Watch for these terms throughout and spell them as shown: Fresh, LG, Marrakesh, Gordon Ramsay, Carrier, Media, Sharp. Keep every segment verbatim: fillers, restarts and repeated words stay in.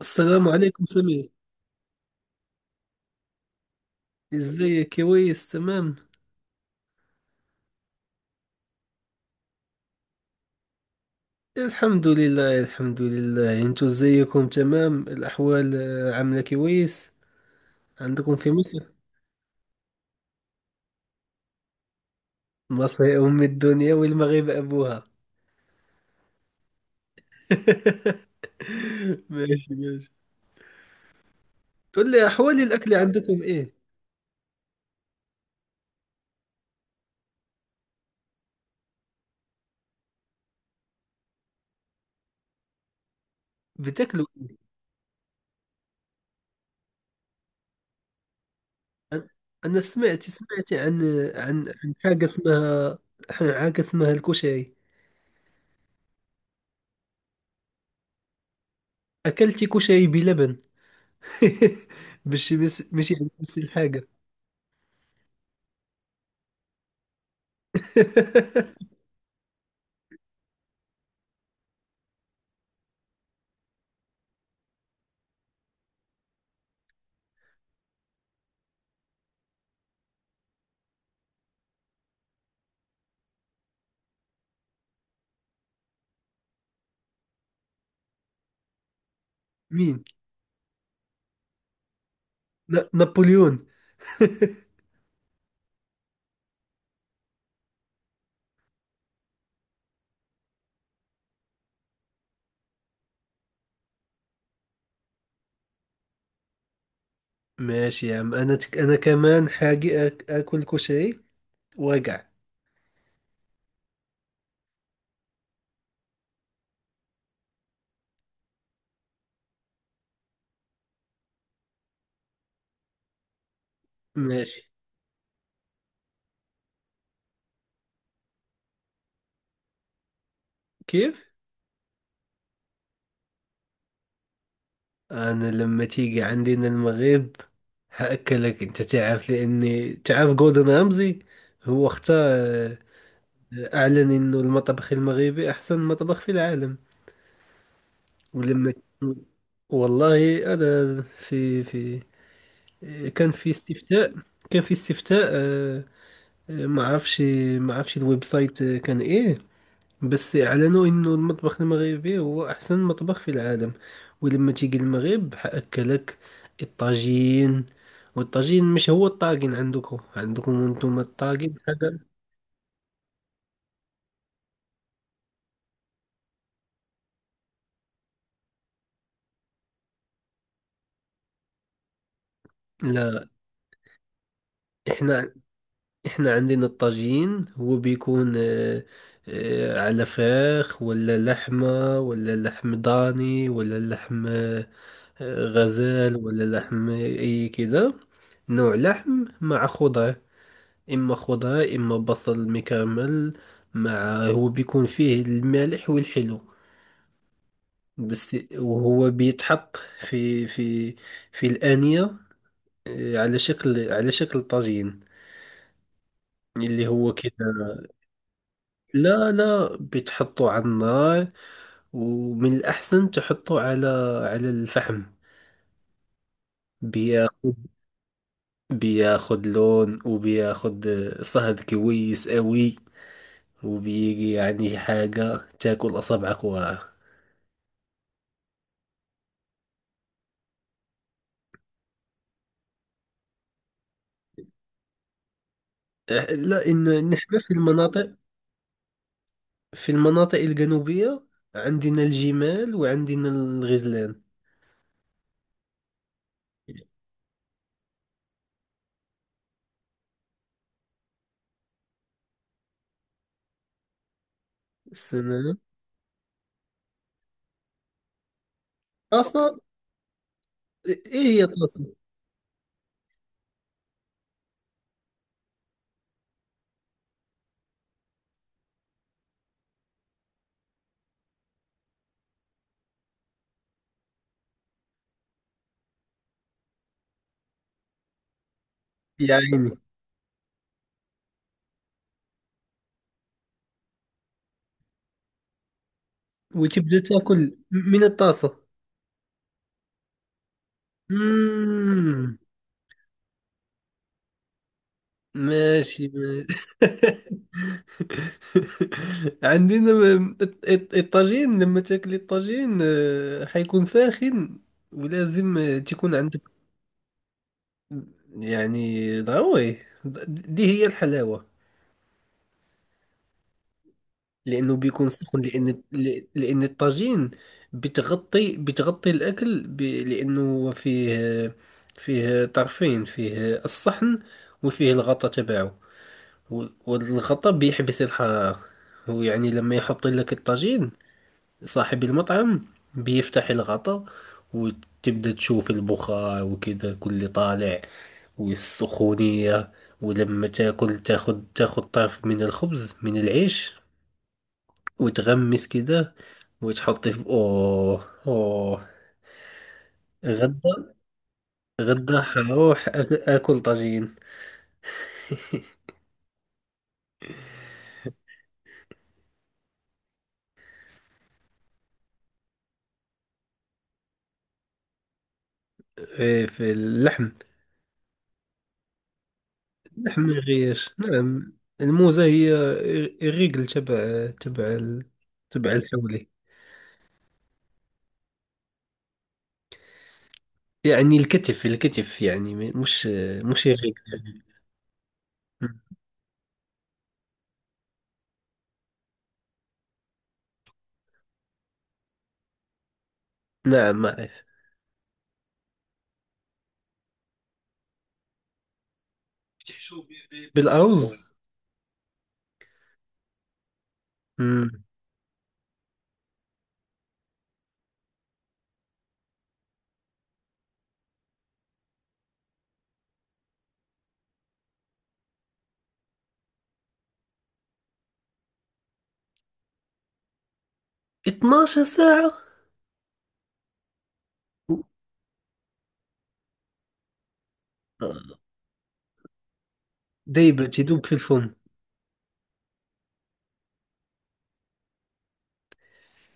السلام عليكم سمير. ازيك؟ كويس، تمام. الحمد لله، الحمد لله. انتو ازيكم؟ تمام الاحوال، آه، عاملة كويس عندكم في مصر. مصر هي ام الدنيا والمغرب ابوها. ماشي، ماشي. قول لي احوال الاكل عندكم ايه؟ بتاكلوا ايه؟ انا سمعت سمعت عن عن عن حاجة اسمها حاجة اسمها الكشري. اكلت كشري بلبن. مش مش مش يعني نفس الحاجة. مين؟ ن... نابليون. ماشي يا عم. انا تك... انا كمان حاجي أك... اكل كشري وارجع. ماشي. كيف؟ انا لما تيجي عندنا المغرب هاكلك. انت تعرف، لاني تعرف جوردن رامزي. هو اختار. آه، اعلن انه المطبخ المغربي احسن مطبخ في العالم. ولما والله انا في في كان في استفتاء كان في استفتاء، آه، آه، ما عرفش ما عرفش الويب سايت، آه، كان ايه. بس اعلنوا انه المطبخ المغربي هو احسن مطبخ في العالم. ولما تيجي المغرب حاكلك الطاجين. والطاجين مش هو الطاجين عندكم عندكم. انتم الطاجين حاجه. لا، احنا احنا عندنا الطاجين، هو بيكون، آه، آه، على فراخ ولا لحمه ولا لحم ضاني ولا لحم، آه، غزال، ولا لحم اي كده. نوع لحم مع خضار، إما خضار إما بصل مكرمل، مع هو بيكون فيه المالح والحلو. بس، وهو بيتحط في في في الآنية، آه، على شكل على شكل طاجين، اللي هو كده. لا، لا، بتحطه على النار، ومن الأحسن تحطه على على الفحم. بياخد بياخد لون وبياخد آه، صهد كويس قوي، وبيجي يعني حاجة تاكل أصابعك وراها. آه، لا، إن نحن في المناطق في المناطق الجنوبية، عندنا الجمال وعندنا الغزلان. السنة. طاسة؟ إيه هي طاسة؟ يا عيني. وتبدأ تاكل من الطاسة. مم. ماشي، ماشي. عندنا، م- الط- الط- الطاجين، لما تاكل الطاجين آه، حيكون ساخن، ولازم آه، تكون عندك، يعني ضروري. د- دي هي الحلاوة، لأنه بيكون سخن. لأن لأن الطاجين بتغطي بتغطي الأكل ب... لأنه هو فيه فيه طرفين، فيه الصحن وفيه الغطا تبعه. و- والغطا بيحبس الحرارة، ويعني لما يحط لك الطاجين صاحب المطعم، بيفتح الغطا وتبدأ تشوف البخار وكده كل طالع، والسخونية. ولما تاكل تاخد تاخد طرف من الخبز من العيش وتغمس كده وتحطي في. اوه، اوه. غدا، غدا حروح أك- اكل طاجين. إيه، في اللحم. اللحم ما يغيش، نعم. الموزة هي الرجل تبع تبع ال- تبع الحولي. يعني الكتف، الكتف، يعني مش مش الرجل. نعم، ما أعرف. بتحشو ب- ب- بالأرز. مم. اتناشر ساعة. دايبة تدوب في الفم.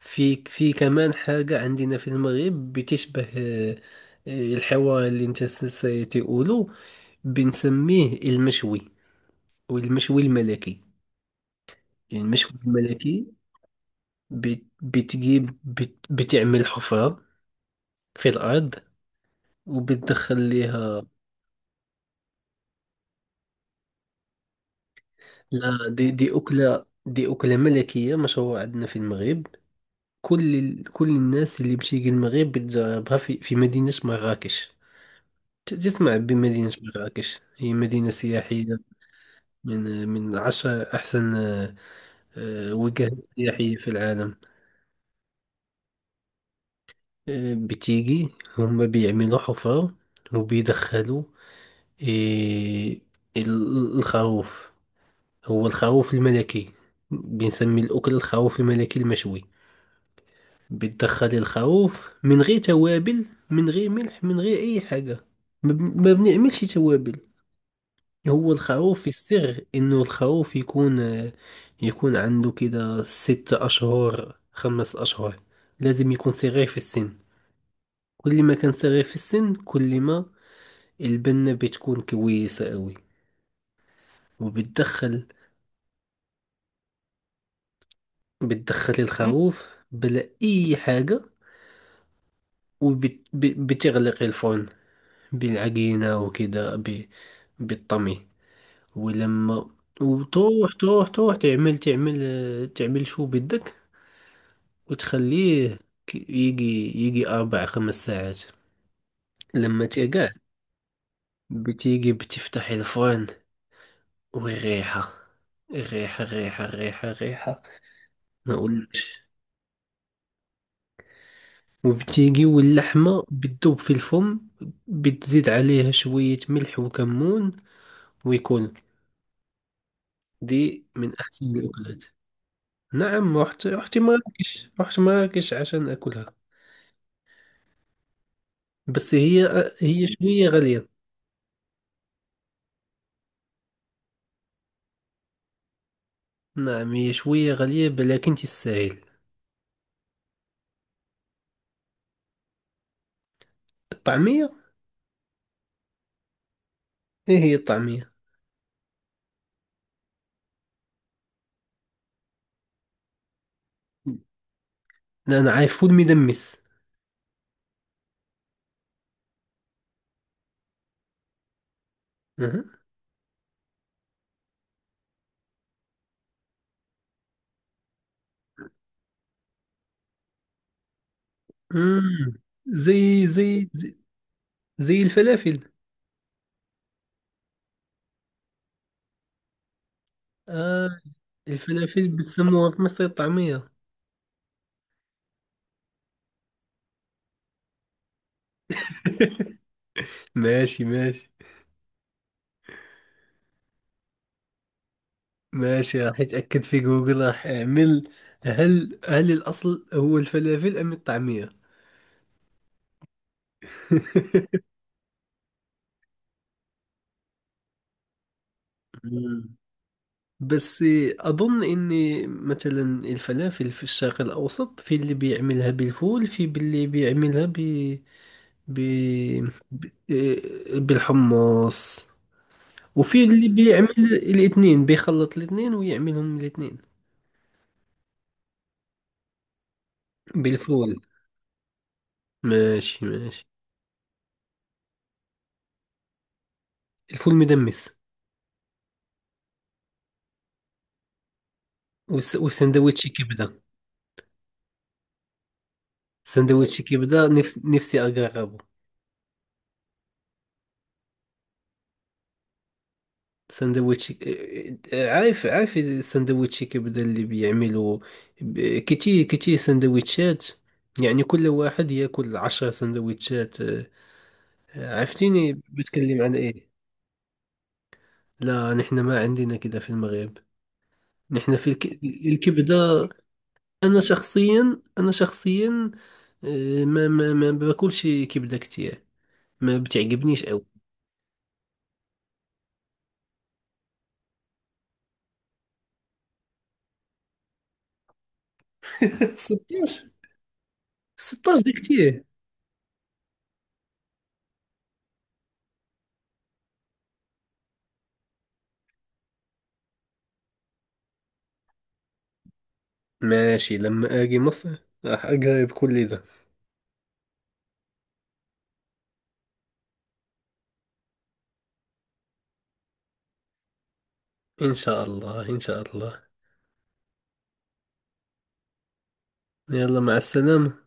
في في كمان حاجة عندنا في المغرب بتشبه، آه، آه، الحوار اللي انت ستقوله، بنسميه المشوي والمشوي الملكي. يعني المشوي الملكي، بت- بتجيب، بت بتعمل حفرة في الأرض وبتدخل ليها. لا، دي, دي أكلة دي أكلة ملكية مشهورة عندنا في المغرب. كل ال- كل الناس اللي بتيجي المغرب بتجربها في, في مدينة مراكش. ت- تسمع بمدينة مراكش، هي مدينة سياحية، من من عشرة أحسن آه، وجهات سياحية في العالم. آه، بتيجي، هم بيعملوا حفار وبيدخلوا آه، ال- الخروف. هو الخروف الملكي، بنسمي الأكل الخروف الملكي المشوي. بتدخل الخروف من غير توابل، من غير ملح، من غير أي حاجة. ما بن- ما بنعملش توابل. هو الخروف، السر انه الخروف يكون يكون عنده كده ست اشهر، خمس اشهر، لازم يكون صغير في السن. كل ما كان صغير في السن، كل ما البنة بتكون كويسة قوي. وبتدخل بتدخل الخروف بلا اي حاجة وبتغلق الفرن بالعجينة وكده، ب- بالطمي. ولما وتروح تروح تروح تعمل تعمل تعمل شو بدك وتخليه، كي- يجي يجي أربع، خمس ساعات. لما تيقع، بتيجي بتفتح الفرن، والريحة، الريحة، الريحة، الريحة، الريحة ما أقولكش. وبتيجي واللحمة بتذوب في الفم، بتزيد عليها شوية ملح وكمون، ويكون، دي من أحسن الأكلات. نعم، رحت رحت مراكش رحت مراكش عشان أكلها. بس، هي هي شوية غالية. نعم، هي شوية غالية بل لكن تستاهل. الطعمية. ايه هي الطعمية؟ لا، انا عارف فول مدمس. أها. مم. زي زي زي زي الفلافل. آه، الفلافل بتسموها في مصر الطعمية. ماشي، ماشي. ماشي، راح اتأكد في جوجل، راح اعمل، هل هل الاصل هو الفلافل ام الطعمية. مم. بس، أظن إن مثلا الفلافل في الشرق الأوسط، في اللي بيعملها بالفول، في اللي بيعملها ب... ب... ب... آه، بالحمص، وفي اللي بيعمل الاثنين بيخلط الاثنين ويعملهم الاثنين. بالفول. ماشي، ماشي. الفول مدمس. والس- والسندويتش كبدة. سندويتش كبدة نفس... نفسي أجربه. سندويتشي، عارف عارف السندويتشي كبدة اللي بيعملوا، ب- كتير كتير سندويتشات. يعني كل واحد ياكل عشر سندويتشات. آه، عرفتيني بتكلم عن ايه؟ لا، نحن ما عندنا كده في المغرب. نحن في الك... الكبدة. انا شخصيا انا شخصيا، آه، ما ما ما باكلش كبدة كتير، ما بتعجبنيش أوي. ستاشر. ستاشر ده كتير. ماشي، لما اجي مصر راح اجرب كل ده. إن شاء الله، إن شاء الله. يلا، مع السلامة.